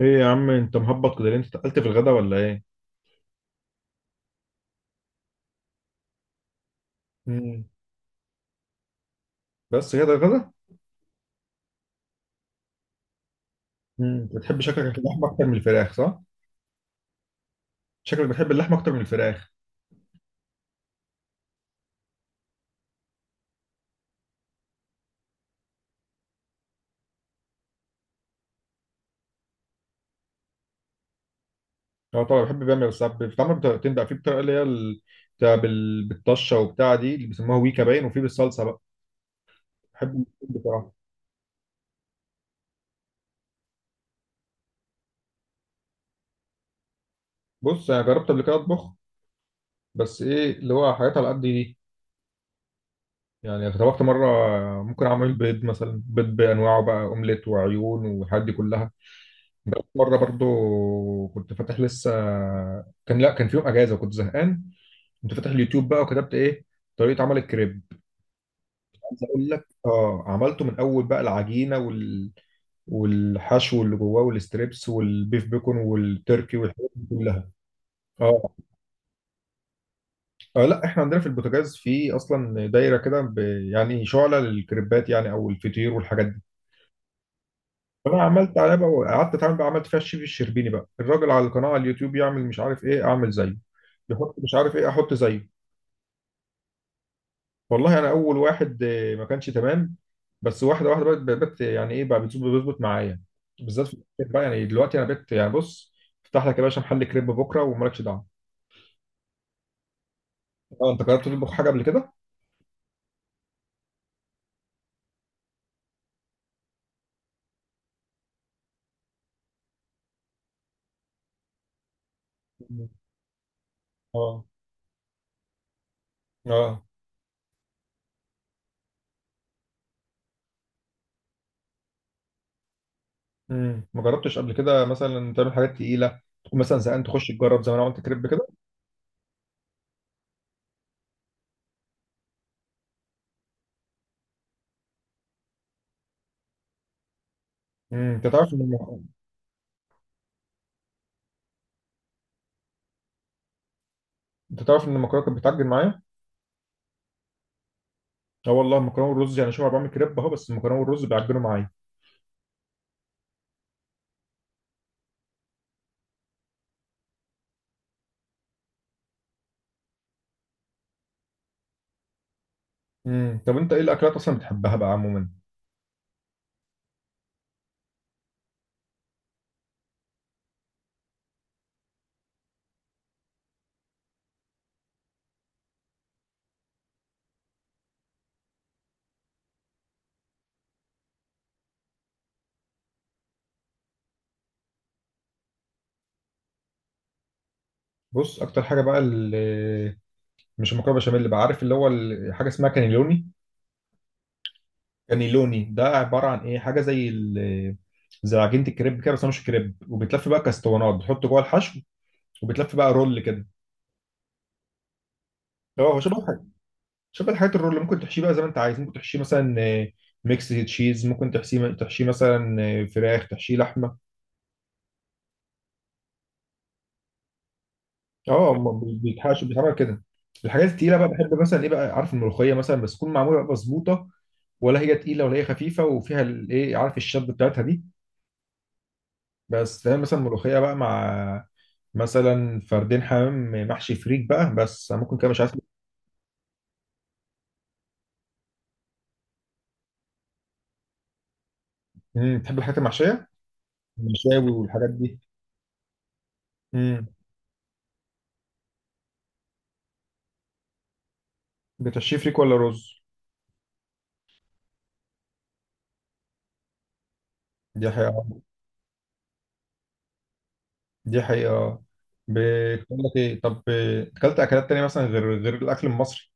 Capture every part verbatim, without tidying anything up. ايه يا عم، انت مهبط كده ليه؟ انت اتقلت في الغدا ولا ايه؟ مم. بس كده الغدا؟ مم. بتحب شكلك اللحمه اكتر من الفراخ، صح؟ شكلك بتحب اللحمه اكتر من الفراخ. اه طبعا بحب. بيعمل بس ساعات بتتعمل بطريقتين بقى. في بطريقه اللي هي ال- بتاع بال- بالطشه، وبتاع دي اللي بيسموها ويكا باين، وفي بالصلصه بقى. بحب الاتنين بصراحه. بص، انا جربت قبل كده اطبخ، بس ايه اللي هو حاجات على قد دي. يعني طبخت مره. ممكن اعمل بيض مثلا، بيض بانواعه بقى، اومليت وعيون والحاجات دي كلها. مره برضو كنت فاتح لسه. كان لا، كان في يوم اجازه وكنت زهقان. كنت فاتح اليوتيوب بقى وكتبت ايه؟ طريقه عمل الكريب. عايز اقول لك، اه عملته من اول بقى، العجينه وال... والحشو اللي جواه والستريبس والبيف بيكون والتركي والحاجات دي كلها. اه. آه، لا، احنا عندنا في البوتاجاز في اصلا دايره كده ب... يعني شعله للكريبات يعني، او الفطير والحاجات دي. فانا عملت عليها بقى. قعدت اتعامل بقى، عملت فيها الشيف الشربيني بقى، الراجل على القناه على اليوتيوب، يعمل مش عارف ايه اعمل زيه، يحط مش عارف ايه احط زيه. والله انا اول واحد، آه، ما كانش تمام. بس واحده واحده بقت بقت يعني ايه بقى، بتظبط بيظبط معايا. بالذات في الأكل بقى، يعني دلوقتي انا بقيت يعني، بص، افتح لك يا باشا محل كريب بكره ومالكش دعوه. اه انت جربت تطبخ حاجه قبل كده؟ مم. اه. اه. امم ما جربتش قبل كده مثلا تعمل حاجات تقيله، تكون مثلا زهقان تخش تجرب زي ما انا عملت كريب كده. امم انت تعرف ان الم- انت تعرف ان المكرونه كانت بتعجن معايا؟ اه والله، المكرونه والرز يعني، شوف انا بعمل كريب اهو، بس المكرونه والرز بيعجنوا معايا. امم طب انت ايه الاكلات اصلا بتحبها بقى عموما؟ بص، اكتر حاجه بقى اللي، مش المكرونه بشاميل، اللي بقى عارف اللي هو ال- حاجه اسمها كانيلوني. كانيلوني ده عباره عن ايه، حاجه زي ال... زي عجينه الكريب كده، بس هو مش كريب. وبتلف بقى كاستوانات، بتحط جوه الحشو، وبتلف بقى رول كده. اه، هو شبه الحاجه، شبه الحاجات الرول اللي ممكن تحشيه بقى زي ما انت عايز. ممكن تحشيه مثلا آه، ميكس تشيز، ممكن تحشيه تحشيه مثلا آه، فراخ، تحشيه لحمه. اه، هم بي- بيتحاشوا بيتعمل كده. الحاجات التقيله بقى بحب مثلا ايه بقى، عارف الملوخيه مثلا، بس تكون معموله بقى مظبوطه، ولا هي تقيله ولا هي خفيفه، وفيها الايه، عارف الشد بتاعتها دي. بس تعمل مثلا ملوخيه بقى، مع مثلا فردين حمام محشي فريك بقى، بس أنا ممكن كده مش عارف. امم تحب الحاجات المحشيه، المشاوي والحاجات دي؟ امم بتحشيه فريك ولا رز؟ دي حقيقه. دي حقيقه. بتقول لك ايه طب، اكلت اكلات تانية مثلا غير غير الاكل المصري؟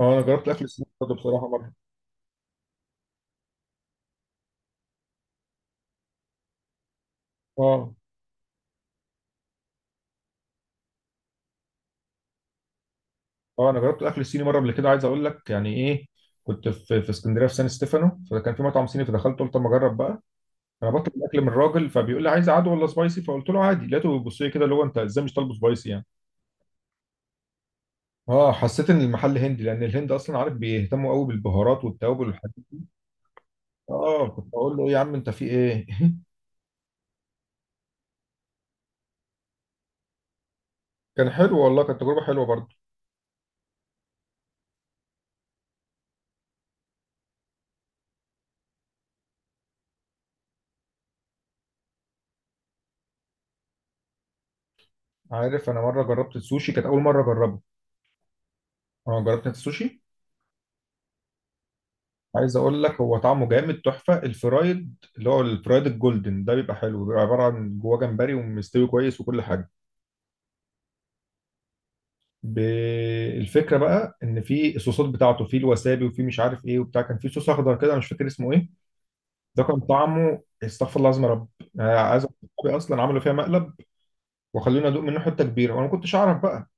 اه، انا جربت الاكل السوري برضه بصراحه مره. اه. اه، انا جربت الاكل الصيني مره قبل كده. عايز اقول لك يعني ايه، كنت في في اسكندريه في سان ستيفانو، فكان في مطعم صيني فدخلت قلت اما اجرب بقى. انا بطلب الاكل من الراجل، فبيقول لي عايز عادي ولا سبايسي؟ فقلت له عادي. لقيته بيبص لي كده، اللي هو انت ازاي مش طالبه سبايسي يعني. اه، حسيت ان المحل هندي، لان الهند اصلا عارف بيهتموا قوي بالبهارات والتوابل والحاجات دي. اه كنت اقول له إيه يا عم انت في ايه؟ كان حلو والله، كانت تجربه حلوه برضه. عارف، انا مره جربت السوشي، كانت اول مره اجربه. اه، جربت انت السوشي؟ عايز اقول لك، هو طعمه جامد تحفه. الفرايد اللي هو الفرايد الجولدن ده بيبقى حلو، بيبقى عباره عن جواه جمبري ومستوي كويس وكل حاجه. ب- الفكره بقى ان في الصوصات بتاعته، في الوسابي وفي مش عارف ايه وبتاع، كان في صوص اخضر كده، أنا مش فاكر اسمه ايه. ده كان طعمه استغفر الله العظيم يا رب. أنا عايز أقول لك اصلا عملوا فيها مقلب، وخلونا ادوق منه حته كبيره، وانا ما كنتش اعرف بقى.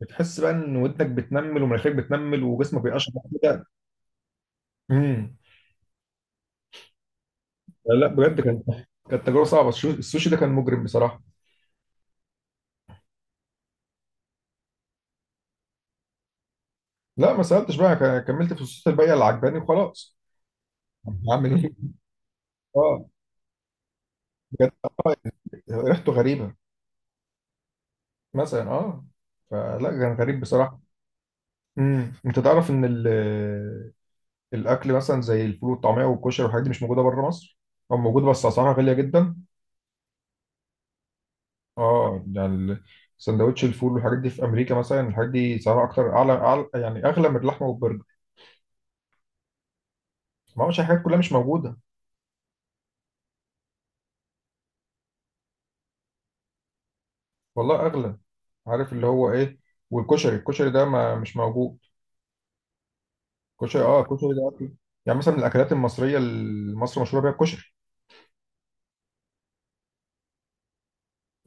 بتحس بقى ان ودنك بتنمل، ومناخيرك بتنمل، وجسمك بيقشعر كده. امم لا لا، بجد كان، كانت تجربه صعبه. الشو- السوشي ده كان مجرم بصراحه. لا، ما سالتش بقى. ك- كملت في الصوصات الباقيه اللي عجباني وخلاص. هعمل ايه؟ اه بجد. آه، ريحته غريبه مثلا، اه فلا كان غريب بصراحه. امم انت تعرف ان ال- الاكل مثلا زي الفول والطعميه والكشري والحاجات دي مش موجوده بره مصر؟ او موجوده بس اسعارها غاليه جدا. اه يعني ال- سندوتش الفول والحاجات دي في امريكا مثلا، الحاجات دي سعرها اكتر اعلى, أعلى يعني اغلى من اللحمه والبرجر. ما هوش الحاجات كلها مش موجوده. والله اغلى. عارف اللي هو ايه، والكشري، الكشري ده ما مش موجود. كشري، اه كشري ده اكل يعني، مثلا من الاكلات المصريه اللي مصر مشهوره بيها الكشري.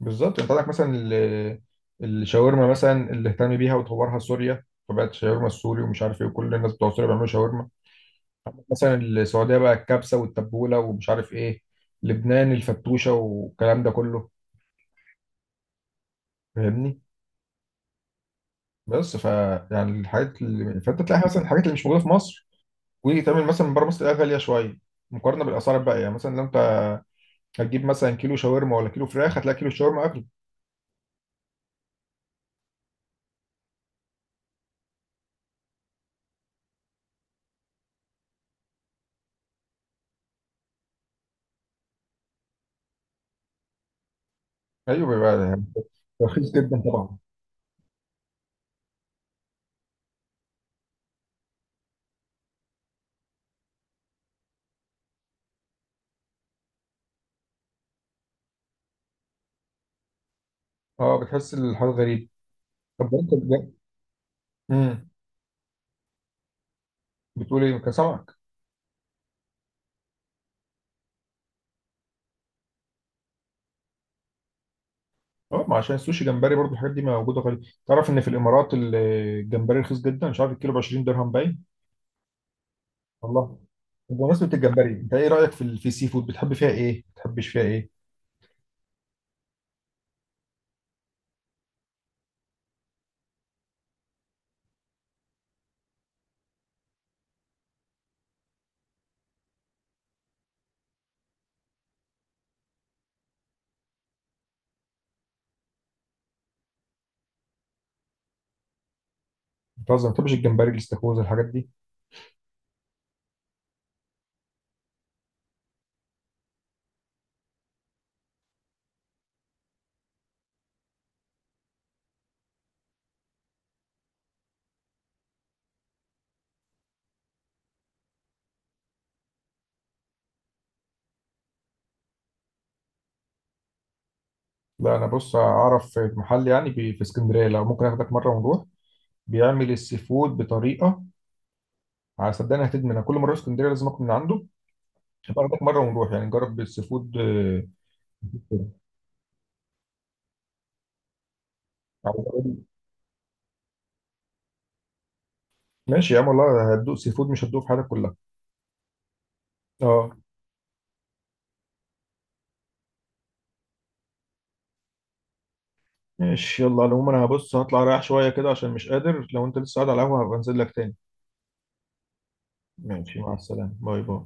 بالظبط، انت عندك مثلا ال- الشاورما مثلا، اللي اهتم بيها وطورها سوريا، فبقت شاورما السوري ومش عارف ايه، وكل الناس بتوع سوريا بيعملوا شاورما. عندك مثلا السعوديه بقى الكبسه والتبوله ومش عارف ايه. لبنان الفتوشه والكلام ده كله. فاهمني؟ بس ف، يعني الحاجات اللي، فانت تلاقي مثلا الحاجات اللي مش موجوده في مصر وتعمل مثلا من بره مصر، تلاقيها غاليه شويه مقارنه بالاسعار الباقيه يعني. مثلا لو انت هتجيب مثلا كيلو شاورما ولا كيلو فراخ، هتلاقي كيلو الشاورما اغلى. ايوه بقى يعني. رخيص جدا طبعا. اه، بتحس الحاجه غريب. طب انت بجد، امم بتقول ايه، كان سمك؟ اه، ما عشان السوشي جمبري برضو، الحاجات دي موجوده. غريب، تعرف ان في الامارات ال- الجمبري رخيص جدا، مش عارف الكيلو ب عشرين درهم باين. والله، طب بمناسبة الجمبري، انت ايه رايك في ال- في السي فود؟ بتحب فيها ايه، ما بتحبش فيها ايه؟ بتهزر، ما بتحبش الجمبري، الاستاكوزا، الحاجات دي؟ لا انا بص، اعرف في محل يعني بي- في اسكندريه، لو ممكن اخدك مره ونروح. بيعمل السي فود بطريقه، آه، صدقني هتدمنها. كل مره في اسكندريه لازم اكل من عنده. اخدك مره ونروح يعني نجرب السي فود. آه، أو- ماشي يا عم، والله هتدوق سي فود مش هتدوق في حياتك كلها. اه. ماشي، يلا على العموم انا هبص هطلع رايح شويه كده عشان مش قادر. لو انت لسه قاعد على القهوه هبقى انزل لك تاني. ماشي، مع السلامه، باي باي.